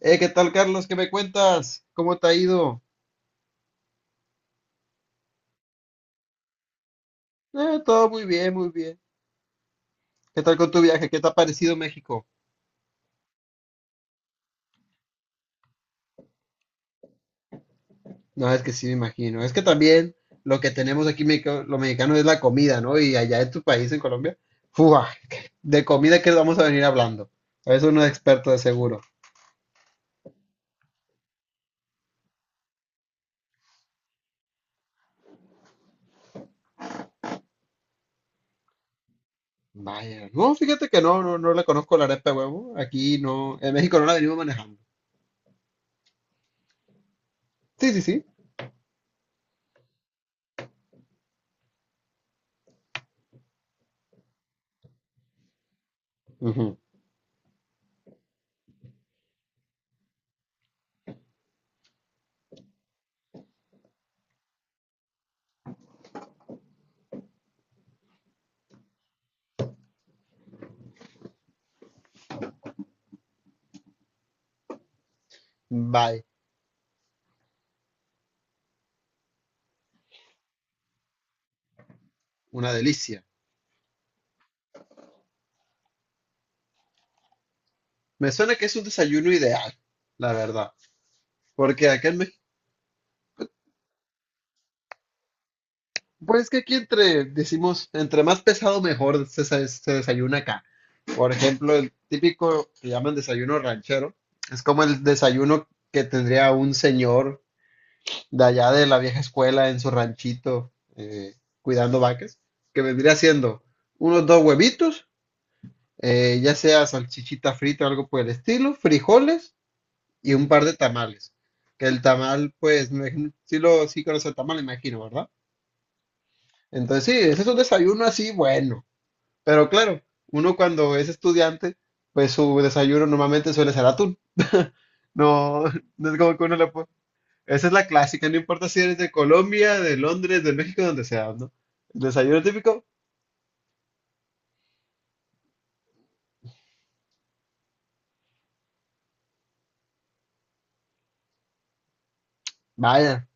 ¿Qué tal, Carlos? ¿Qué me cuentas? ¿Cómo te ha ido? Todo muy bien, muy bien. ¿Qué tal con tu viaje? ¿Qué te ha parecido México? No, es que sí me imagino. Es que también lo que tenemos aquí lo mexicano es la comida, ¿no? Y allá en tu país, en Colombia, ¡fua! De comida que vamos a venir hablando. Eso no es experto de seguro. Vaya, no, fíjate que no, no, no le conozco la arepa de huevo. Aquí no, en México no la venimos manejando. Sí, sí, sí. Ujú. Vaya, una delicia. Me suena que es un desayuno ideal, la verdad. Porque acá en México, pues es que aquí entre, decimos, entre más pesado mejor se desayuna acá. Por ejemplo, el típico que llaman desayuno ranchero, es como el desayuno que tendría un señor de allá de la vieja escuela en su ranchito, cuidando vacas, que vendría siendo unos dos huevitos, ya sea salchichita frita o algo por el estilo, frijoles y un par de tamales. Que el tamal, pues, me imagino- sí lo, sí conoce el tamal, imagino, ¿verdad? Entonces, sí, ese es un desayuno así bueno. Pero claro, uno cuando es estudiante, pues su desayuno normalmente suele ser atún. No, no es como que uno le pone. Esa es la clásica, no importa si eres de Colombia, de Londres, de México, donde sea, ¿no? El desayuno típico, vaya.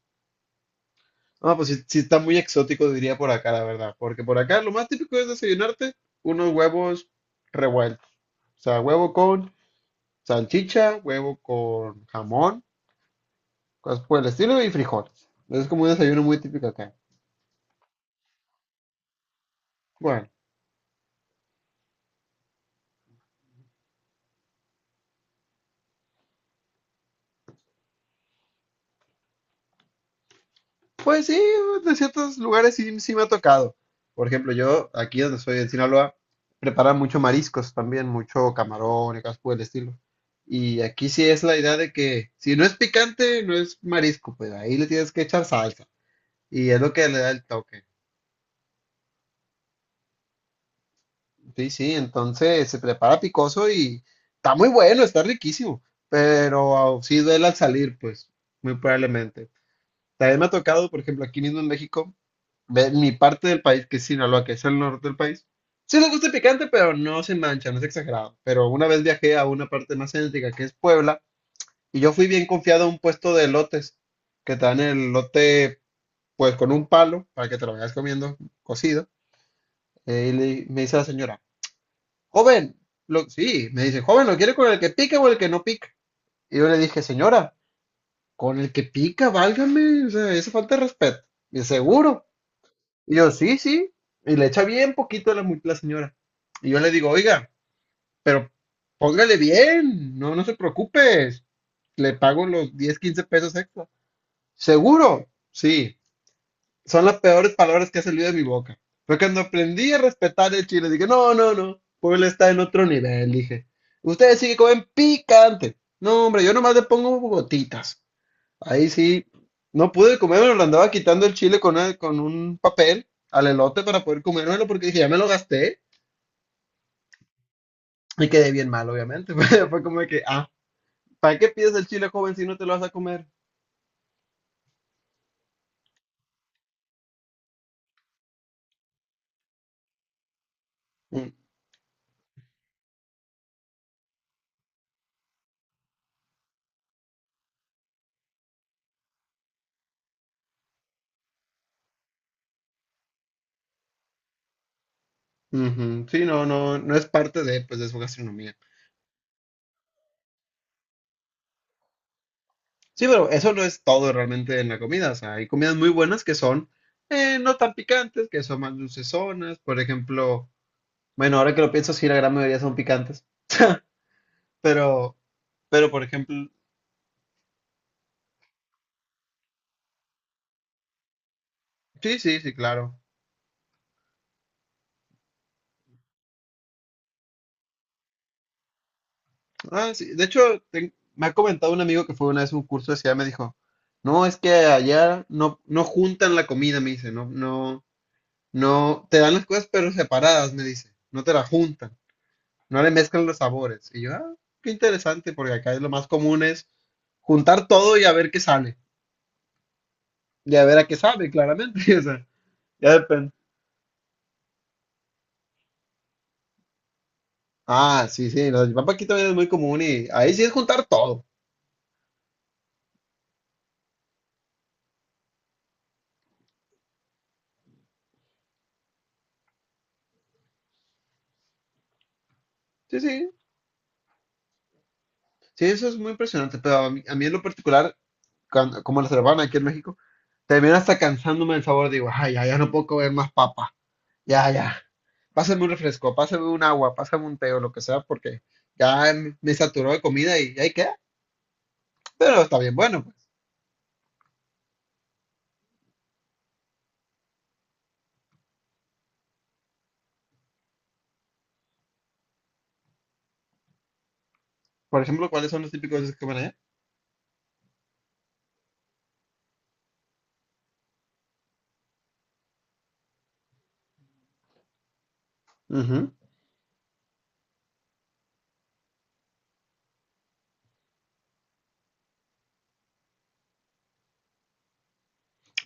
No, pues sí, sí está muy exótico, diría por acá, la verdad. Porque por acá lo más típico es desayunarte unos huevos revueltos. O sea, huevo con salchicha, huevo con jamón, cosas por el estilo y frijoles. Es como un desayuno muy típico acá. Bueno, pues sí, de ciertos lugares sí, sí me ha tocado. Por ejemplo, yo aquí donde soy en Sinaloa, preparan mucho mariscos también, mucho camarón y cosas por el estilo. Y aquí sí es la idea de que si no es picante, no es marisco, pues ahí le tienes que echar salsa. Y es lo que le da el toque. Sí, sí, entonces se prepara picoso y está muy bueno, está riquísimo. Pero sí duele al salir, pues, muy probablemente. También me ha tocado, por ejemplo, aquí mismo en México, de mi parte del país, que es Sinaloa, que es el norte del país. Sí me gusta el picante, pero no se mancha, no es exagerado. Pero una vez viajé a una parte más céntrica, que es Puebla, y yo fui bien confiado a un puesto de elotes, que te dan el elote, pues, con un palo, para que te lo vayas comiendo cocido. Y me dice la señora, joven, sí, me dice, joven, ¿lo quiere con el que pica o el que no pica? Y yo le dije, señora, con el que pica, válgame, o sea, esa falta de respeto. Y seguro. Y yo, sí, sí. Y le echa bien poquito a la señora. Y yo le digo, oiga, pero póngale bien, no, no se preocupe, le pago los 10 15 pesos extra. ¿Seguro? Sí, son las peores palabras que ha salido de mi boca. Fue cuando aprendí a respetar el chile, dije, no, no, no, Puebla está en otro nivel, dije. Ustedes sí que comen picante. No, hombre, yo nomás le pongo gotitas. Ahí sí, no pude comérmelo, le andaba quitando el chile con, con un papel al elote para poder comérmelo porque dije, ya me lo gasté y quedé bien mal, obviamente. Fue como de que, ah, ¿para qué pides el chile joven si no te lo vas a comer? Mm, ujú. Sí, no, no, no es parte de, pues, de su gastronomía. Sí, pero eso no es todo realmente en la comida. O sea, hay comidas muy buenas que son, no tan picantes, que son más dulcezonas. Por ejemplo, bueno, ahora que lo pienso, sí, la gran mayoría son picantes. Pero, pero, por ejemplo, sí, sí, sí, claro. Ah, sí. De hecho, me ha comentado un amigo que fue una vez a un curso de ciudad, me dijo, no, es que allá no, no juntan la comida, me dice, no, no, no, te dan las cosas pero separadas, me dice, no te la juntan, no le mezclan los sabores. Y yo, ah, qué interesante, porque acá es lo más común es juntar todo y a ver qué sale, y a ver a qué sabe, claramente, o sea, ya depende. Ah, sí, sí, la salchipapa aquí también es muy común y ahí sí es juntar todo. Sí, sí, sí, eso es muy impresionante, pero a mí, en lo particular como la cervaban aquí en México, termina hasta cansándome el sabor. Digo, ay, ya, ya no puedo comer más papa. Ya, ya. Pásame un refresco, pásame un agua, pásame un té o lo que sea, porque ya me saturó de comida y ahí queda. Pero está bien, bueno, pues. Por ejemplo, ¿cuáles son los típicos que comen allá? Ujú.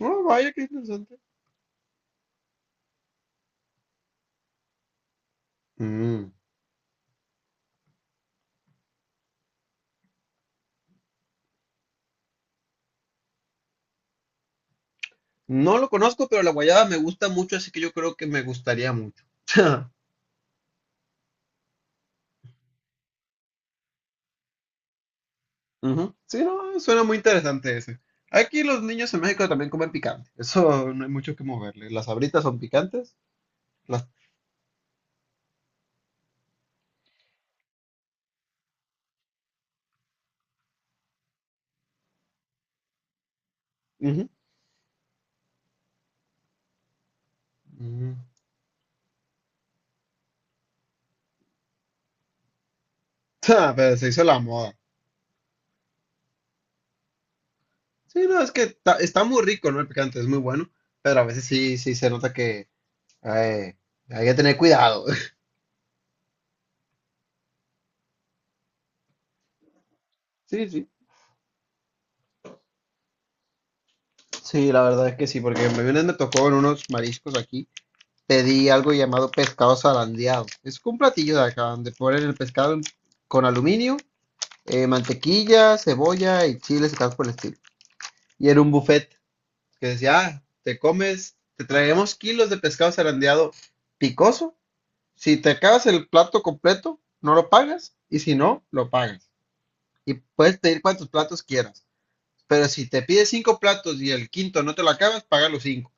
Oh, vaya, qué interesante. Mm. No lo conozco, pero la guayaba me gusta mucho, así que yo creo que me gustaría mucho. Ujú. Sí, no, suena muy interesante ese. Aquí los niños en México también comen picante. Eso no hay mucho que moverle. Las sabritas son picantes. Las... Ujú, ujú. Ah, pero se hizo la moda. Sí, no, es que está muy rico, ¿no? El picante es muy bueno. Pero a veces sí se nota que eh, hay que tener cuidado. Sí, sí. Sí, la verdad es que sí, porque me tocó en unos mariscos aquí. Pedí algo llamado pescado zarandeado. Es un platillo de acá donde ponen el pescado con aluminio, mantequilla, cebolla y chiles y tal por el estilo. Y era un buffet que decía, ah, te comes, te traemos kilos de pescado zarandeado picoso. Si te acabas el plato completo, no lo pagas. Y si no, lo pagas. Y puedes pedir cuantos platos quieras. Pero si te pides cinco platos y el quinto no te lo acabas, paga los cinco.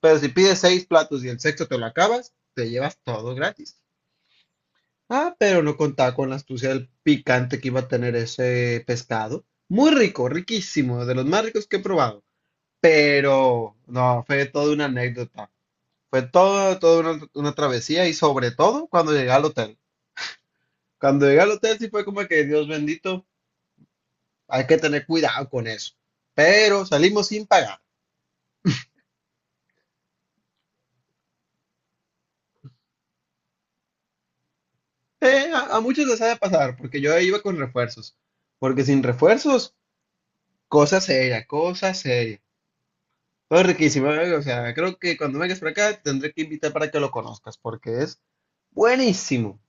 Pero si pides seis platos y el sexto te lo acabas, te llevas todo gratis. Ah, pero no contaba con la astucia del picante que iba a tener ese pescado. Muy rico, riquísimo, de los más ricos que he probado. Pero no, fue toda una anécdota. Fue todo, toda una travesía y sobre todo cuando llegué al hotel. Cuando llegué al hotel sí fue como que Dios bendito, hay que tener cuidado con eso. Pero salimos sin pagar. A muchos les ha de pasar, porque yo iba con refuerzos. Porque sin refuerzos, cosa seria, cosa seria. Todo riquísimo, ¿eh? O sea, creo que cuando vengas para acá te tendré que invitar para que lo conozcas, porque es buenísimo.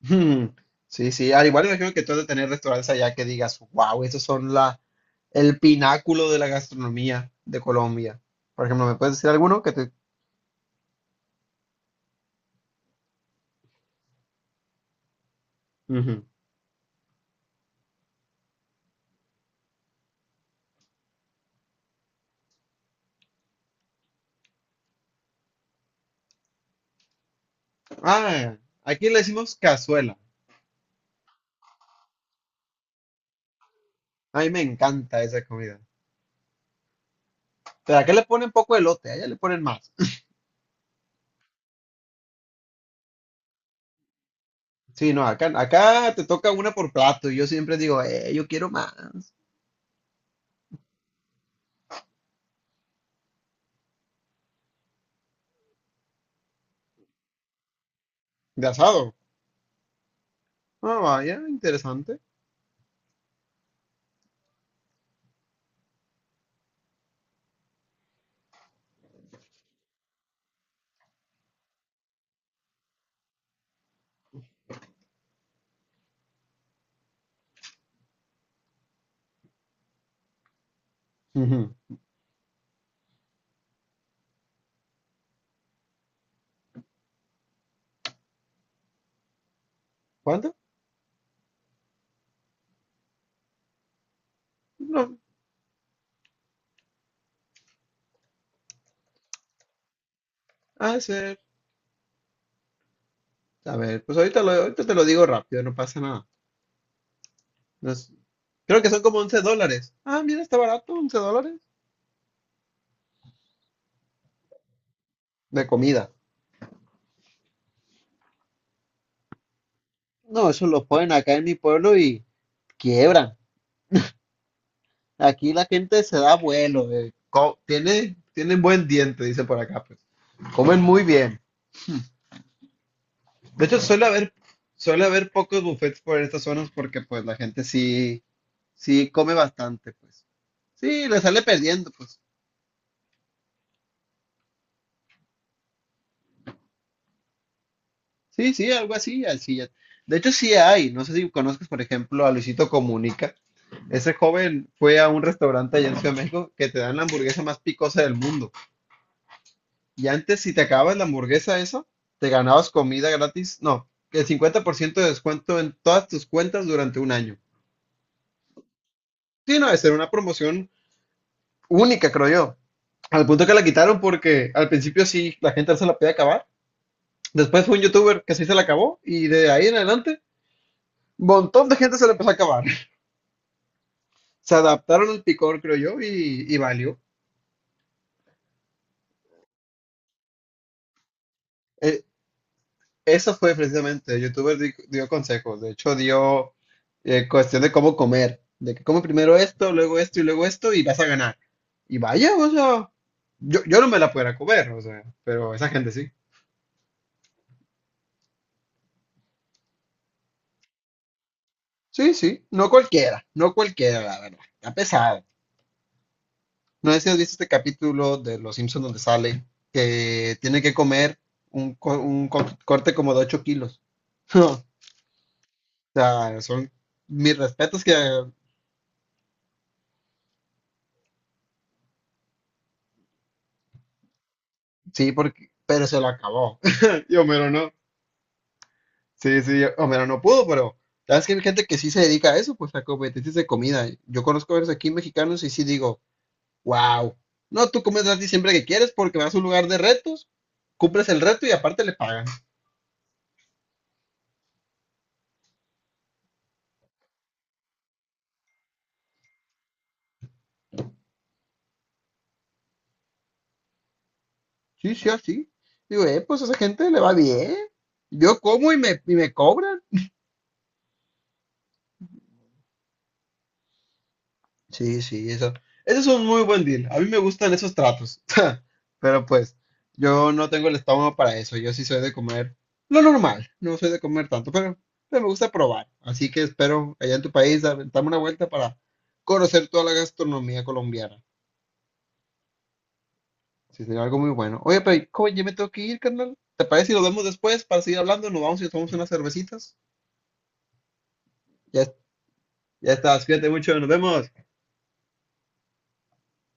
Mm. Sí, sí, al igual imagino que tú has de tener restaurantes allá que digas, wow, estos son el pináculo de la gastronomía de Colombia. Por ejemplo, ¿me puedes decir alguno que te... Ujú. Ah, aquí le decimos cazuela. A mí me encanta esa comida. Pero acá le ponen poco elote, allá le ponen más. Sí, no, acá te toca una por plato y yo siempre digo, yo quiero más. De asado. Ah, vaya, interesante. Ujú. ¿Cuánto? No, ha de ser. A ver, pues ahorita, ahorita te lo digo rápido, no pasa nada. No es- Creo que son como $11. Ah, mira, está barato, $11. De comida. No, eso lo ponen acá en mi pueblo y quiebran. Aquí la gente se da vuelo. Tienen buen diente, dice por acá, pues. Comen muy bien. De hecho, suele haber pocos buffets por estas zonas porque pues la gente sí, sí come bastante, pues. Sí, le sale perdiendo, pues. Sí, sí, algo así, así ya. De hecho, sí hay. No sé si conozcas, por ejemplo, a Luisito Comunica. Ese joven fue a un restaurante allá en Ciudad de México que te dan la hamburguesa más picosa del mundo. Y antes, si te acabas la hamburguesa esa, te ganabas comida gratis. No, el 50% de descuento en todas tus cuentas durante un año. Sí, no, debe ser una promoción única, creo yo. Al punto que la quitaron porque al principio sí la gente no se la podía acabar. Después fue un youtuber que sí se la acabó y de ahí en adelante un montón de gente se la empezó a acabar. Se adaptaron al picor, creo yo, y, valió. Eh, eso fue precisamente, el youtuber dio consejos, de hecho dio, cuestión de cómo comer, de que come primero esto, luego esto y vas a ganar. Y vaya, o sea, yo no me la pudiera comer, o sea, pero esa gente sí. Sí, sí, no cualquiera, no cualquiera, la verdad. A pesar, no sé si has visto este capítulo de Los Simpsons donde sale que tiene que comer un corte como de 8 kilos. O sea, son mis respetos que sí, porque, pero se lo acabó. Y Homero no. Sí, sí, Homero no pudo, pero sabes que hay gente que sí se dedica a eso, pues a competencias de comida. Yo conozco a varios aquí mexicanos y sí digo. Wow. No, tú comes así siempre que quieres porque vas a un lugar de retos, cumples el reto y aparte le pagan. Sí, sí, así. Digo, pues a esa gente le va bien. Yo como y me cobran. Sí, sí, eso. Ese es un muy buen deal. A mí me gustan esos tratos. Pero pues, yo no tengo el estómago para eso. Yo sí soy de comer lo normal. No soy de comer tanto, pero, me gusta probar. Así que espero allá en tu país darme una vuelta para conocer toda la gastronomía colombiana. Sí, sería algo muy bueno. Oye, pero ¿cómo? Ya me tengo que ir, carnal. ¿Te parece si nos vemos después para seguir hablando? Nos vamos y tomamos unas cervecitas. Ya, ya estás, cuídate mucho, nos vemos.